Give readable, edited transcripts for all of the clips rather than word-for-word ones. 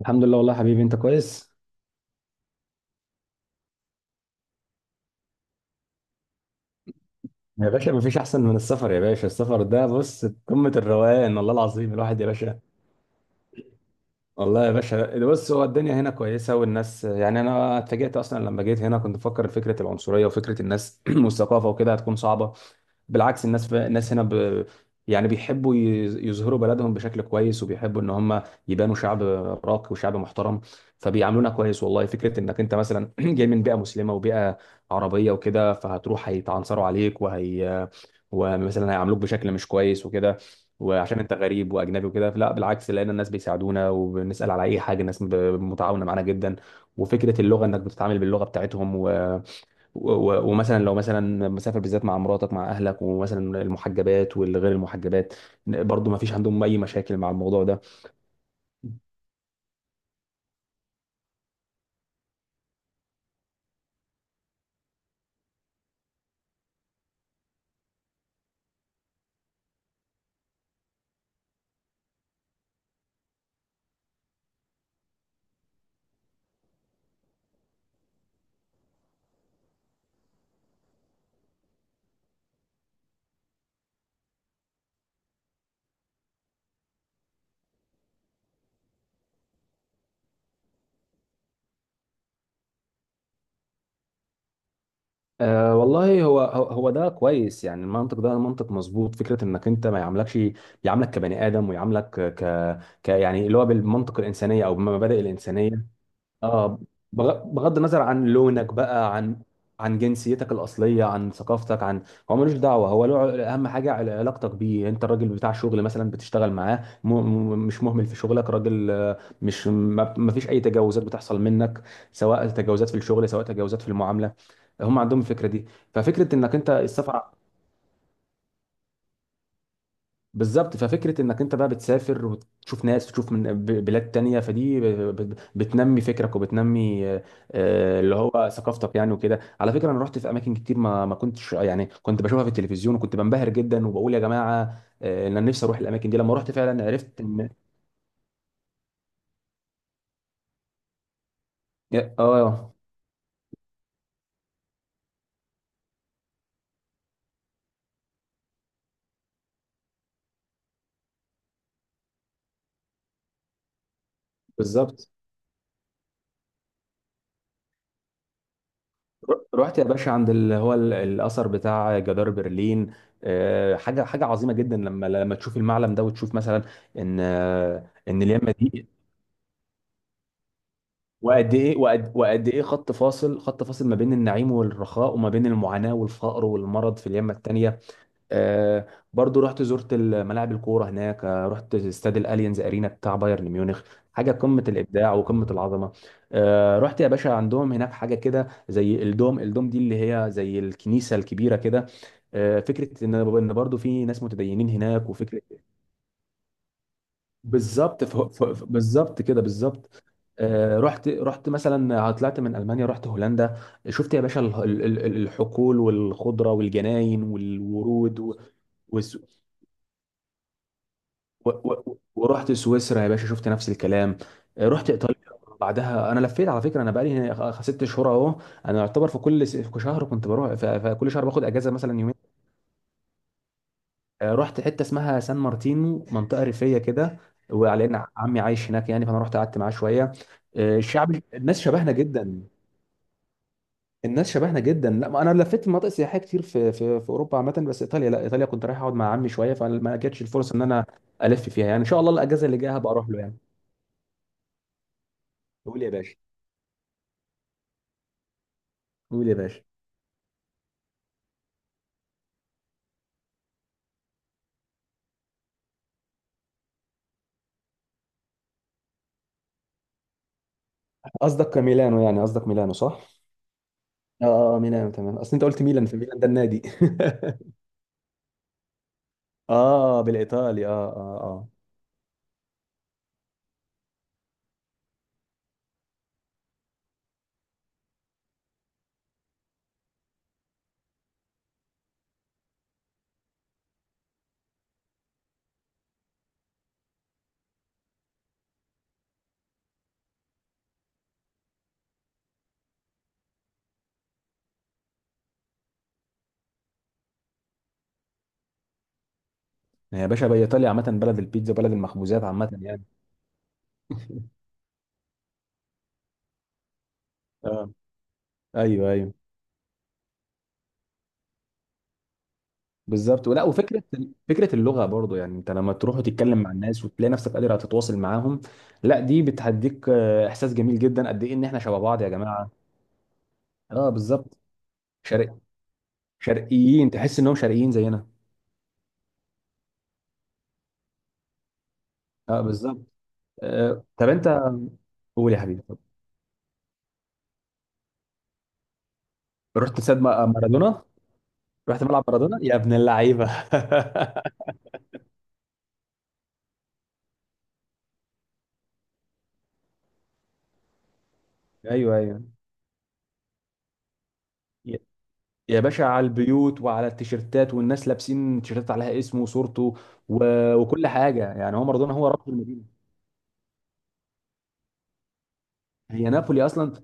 الحمد لله والله يا حبيبي، انت كويس. يا باشا مفيش احسن من السفر، يا باشا السفر ده بص قمة الروقان، والله العظيم الواحد يا باشا. والله يا باشا ده بص، هو الدنيا هنا كويسه والناس، يعني انا اتفاجئت اصلا لما جيت هنا، كنت بفكر فكره العنصريه وفكره الناس والثقافه وكده هتكون صعبه. بالعكس، الناس هنا، يعني بيحبوا يظهروا بلدهم بشكل كويس، وبيحبوا ان هم يبانوا شعب راقي وشعب محترم، فبيعاملونا كويس. والله فكره انك انت مثلا جاي من بيئه مسلمه وبيئه عربيه وكده، فهتروح هيتعنصروا عليك، ومثلا هيعاملوك بشكل مش كويس وكده، وعشان انت غريب واجنبي وكده. لا بالعكس، لقينا الناس بيساعدونا، وبنسال على اي حاجه الناس متعاونه معانا جدا. وفكره اللغه انك بتتعامل باللغه بتاعتهم، ومثلا لو مثلا مسافر بالذات مع مراتك مع اهلك، ومثلا المحجبات والغير المحجبات، برضو ما فيش عندهم اي مشاكل مع الموضوع ده. أه والله، هو ده كويس، يعني المنطق ده منطق مظبوط. فكره انك انت ما يعاملكش، يعاملك كبني ادم ويعاملك ك يعني اللي هو بالمنطق الانسانيه او بالمبادئ الانسانيه. اه، بغض النظر عن لونك بقى، عن جنسيتك الأصلية، عن ثقافتك، عن هو ملوش دعوة. هو له أهم حاجة علاقتك بيه أنت الراجل بتاع شغل مثلا، بتشتغل معاه مش مهمل في شغلك، راجل، مش ما فيش أي تجاوزات بتحصل منك، سواء تجاوزات في الشغل سواء تجاوزات في المعاملة. هم عندهم الفكرة دي. ففكرة إنك أنت السفر، بالظبط، ففكرة انك انت بقى بتسافر وتشوف ناس، تشوف من بلاد تانية، فدي بتنمي فكرك وبتنمي اللي هو ثقافتك يعني. وكده على فكرة، انا رحت في اماكن كتير، ما كنتش، يعني كنت بشوفها في التلفزيون وكنت بنبهر جدا وبقول يا جماعة، إن انا نفسي اروح الاماكن دي، لما رحت فعلا عرفت ان اه. بالظبط، رحت يا باشا عند اللي هو الاثر بتاع جدار برلين. حاجة عظيمة جدا، لما تشوف المعلم ده وتشوف مثلا ان، ان اليمة دي. وقد ايه خط فاصل، خط فاصل ما بين النعيم والرخاء، وما بين المعاناة والفقر والمرض في اليمة التانية. آه برضو رحت زرت ملاعب الكورة هناك. رحت استاد الاليانز ارينا بتاع بايرن ميونخ، حاجة قمة الابداع وقمة العظمة. رحت يا باشا عندهم هناك حاجة كده زي الدوم دي اللي هي زي الكنيسة الكبيرة كده. فكرة إن برضو في ناس متدينين هناك، وفكرة بالظبط، بالظبط كده، بالظبط. رحت مثلا، طلعت من المانيا رحت هولندا. شفت يا باشا الحقول والخضره والجناين والورود، وس... ورحت سويسرا يا باشا، شفت نفس الكلام. رحت ايطاليا بعدها. انا لفيت على فكره، انا بقالي هنا ست شهور اهو. انا يعتبر في كل في شهر كنت بروح، في كل شهر باخد اجازه مثلا. رحت حته اسمها سان مارتينو، منطقه ريفيه كده، وعلى ان عمي عايش هناك يعني، فانا رحت قعدت معاه شويه. الناس شبهنا جدا. الناس شبهنا جدا. لا ما انا لفيت مناطق سياحيه كتير في في اوروبا عامه، بس ايطاليا لا، ايطاليا كنت رايح اقعد مع عمي شويه، فما جاتش الفرصه ان انا الف فيها يعني. ان شاء الله الاجازه اللي جايه هبقى اروح له يعني. قول يا باشا. قول يا باشا. قصدك ميلانو يعني، قصدك ميلانو صح؟ اه اه، ميلانو تمام، اصل انت قلت ميلان فميلان ده النادي. اه بالايطالي اه. اه اه، يا باشا بقى، ايطاليا عامه بلد البيتزا، بلد المخبوزات عامه يعني. اه ايوه ايوه بالظبط. ولا وفكره فكره اللغه برضو، يعني انت لما تروح وتتكلم مع الناس وتلاقي نفسك قادر تتواصل معاهم، لا دي بتهديك، احساس جميل جدا قد ايه ان احنا شبه بعض يا جماعه. اه بالظبط، شرق شرقيين تحس انهم شرقيين زينا. اه بالظبط. آه. طب انت، قول يا حبيبي طب. رحت استاد مارادونا. رحت ملعب مارادونا يا ابن اللعيبه. ايوه ايوه، يا باشا على البيوت وعلى التيشيرتات، والناس لابسين تيشيرتات عليها اسمه وصورته، و... وكل حاجه يعني. هو مارادونا هو رب المدينه. هي نابولي اصلا،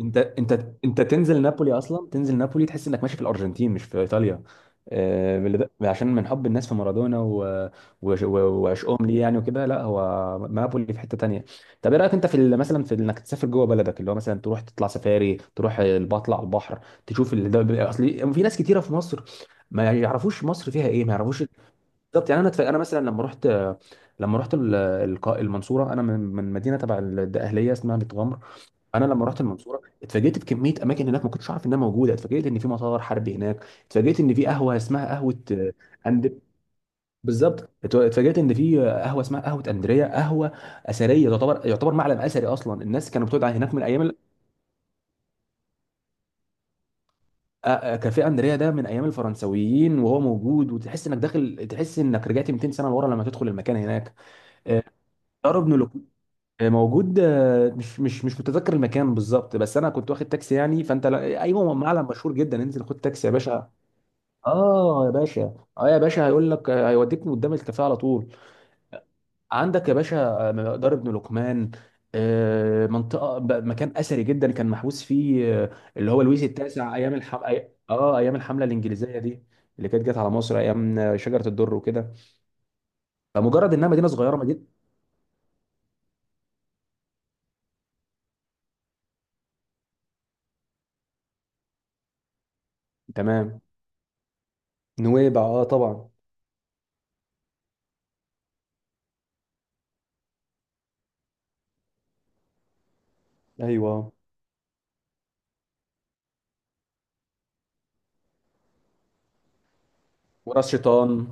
انت تنزل نابولي اصلا، تنزل نابولي تحس انك ماشي في الارجنتين مش في ايطاليا، من اللي عشان من حب الناس في مارادونا، وعشقهم ليه يعني وكده. لا هو نابولي في حته تانية. طب ايه رايك انت في مثلا في انك تسافر جوه بلدك، اللي هو مثلا تروح تطلع سفاري، تروح بطلع البحر، تشوف اصل في ناس كتيره في مصر ما يعرفوش مصر فيها ايه، ما يعرفوش. بالظبط يعني، انا انا مثلا لما رحت المنصوره، انا من مدينه تبع الاهليه اسمها بتغمر. انا لما رحت المنصوره، اتفاجئت بكميه اماكن هناك ما كنتش عارف انها موجوده. اتفاجئت ان في مطار حربي هناك، اتفاجئت ان في قهوه اسمها قهوه، اند بالظبط. اتفاجئت ان في، قهوه اسمها قهوه اندريا، قهوه اثريه تعتبر، يعتبر معلم اثري اصلا، الناس كانوا بتقعد هناك من ايام ال... آه، آه، كافيه اندريا ده من ايام الفرنسويين، وهو موجود، وتحس انك داخل، تحس انك رجعت 200 سنه لورا لما تدخل المكان هناك. آه، دار ابن لقي- موجود، مش متذكر المكان بالظبط، بس انا كنت واخد تاكسي يعني فانت ايوه معلم مشهور جدا، انزل خد تاكسي يا باشا. اه يا باشا، اه يا باشا، هيقول لك، هيوديك من قدام الكافيه على طول. عندك يا باشا، مقدار ابن لقمان، منطقه مكان اثري جدا، كان محبوس فيه، اللي هو لويس التاسع ايام اه ايام الحمله الانجليزيه دي، اللي كانت جت على مصر ايام، شجره الدر وكده. فمجرد انها مدينه صغيره، مدينه. تمام نويبع اه طبعا. ايوه وراس شيطان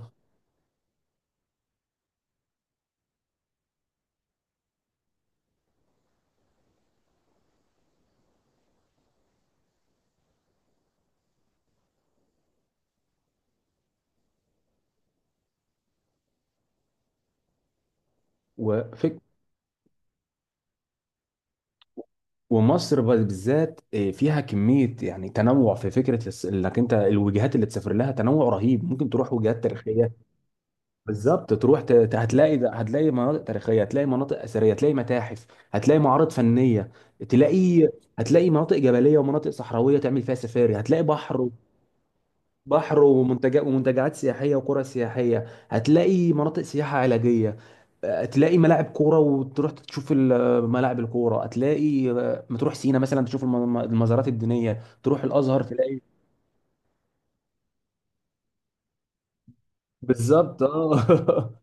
وفك ومصر بالذات، فيها كمية يعني تنوع في فكرة انك انت الوجهات اللي تسافر لها تنوع رهيب، ممكن تروح وجهات تاريخية بالظبط. تروح هتلاقي مناطق تاريخية، هتلاقي مناطق أثرية، هتلاقي متاحف، هتلاقي معارض فنية، تلاقي، هتلاقي مناطق جبلية ومناطق صحراوية تعمل فيها سفاري، هتلاقي بحر، بحر ومنتجات ومنتجعات سياحيه وقرى سياحيه، هتلاقي مناطق سياحه علاجيه، هتلاقي ملاعب كوره وتروح تشوف ملاعب الكوره، هتلاقي، ما تروح سينا مثلا تشوف المزارات الدينيه، تروح الازهر تلاقي بالظبط اه.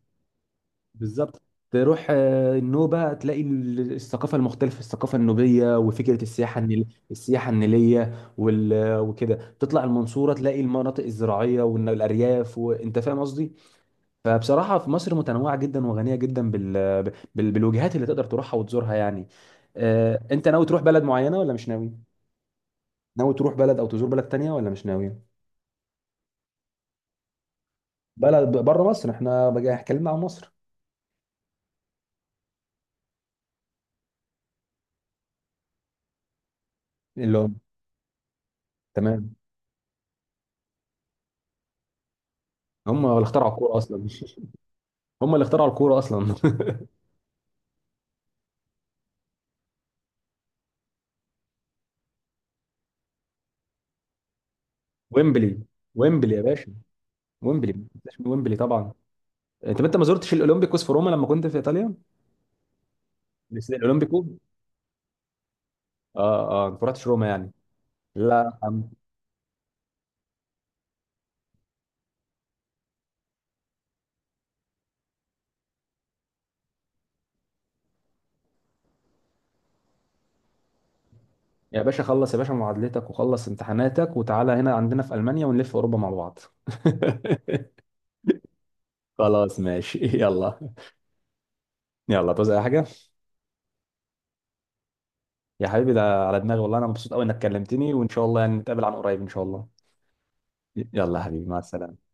بالظبط، تروح، النوبه، تلاقي الثقافه المختلفه الثقافه النوبيه، وفكره السياحه النيليه، وكده تطلع المنصوره تلاقي المناطق الزراعيه والارياف، وانت فاهم قصدي. فبصراحة في مصر متنوعة جدا، وغنية جدا بال... بال... بالوجهات اللي تقدر تروحها وتزورها يعني. انت ناوي تروح بلد معينة ولا مش ناوي؟ ناوي تروح بلد او تزور بلد تانية ولا مش ناوي؟ بلد بره مصر، احنا بقى اتكلمنا عن مصر. اللي هم تمام. هم اللي اخترعوا الكورة اصلا. هم اللي اخترعوا الكورة اصلا. ويمبلي، ويمبلي يا باشا، ويمبلي ما تنساش من ويمبلي طبعا. انت ما زرتش الاولمبيكوس في روما لما كنت في ايطاليا؟ الاولمبيكو. اه اه، ما رحتش روما يعني. لا. يا باشا خلص يا باشا معادلتك وخلص امتحاناتك وتعالى هنا عندنا في ألمانيا، ونلف أوروبا مع بعض. خلاص ماشي يلا. يلا توزع أي حاجة. يا حبيبي، ده على دماغي والله، أنا مبسوط أوي إنك كلمتني، وإن شاء الله يعني نتقابل عن قريب إن شاء الله. يلا يا حبيبي مع السلامة.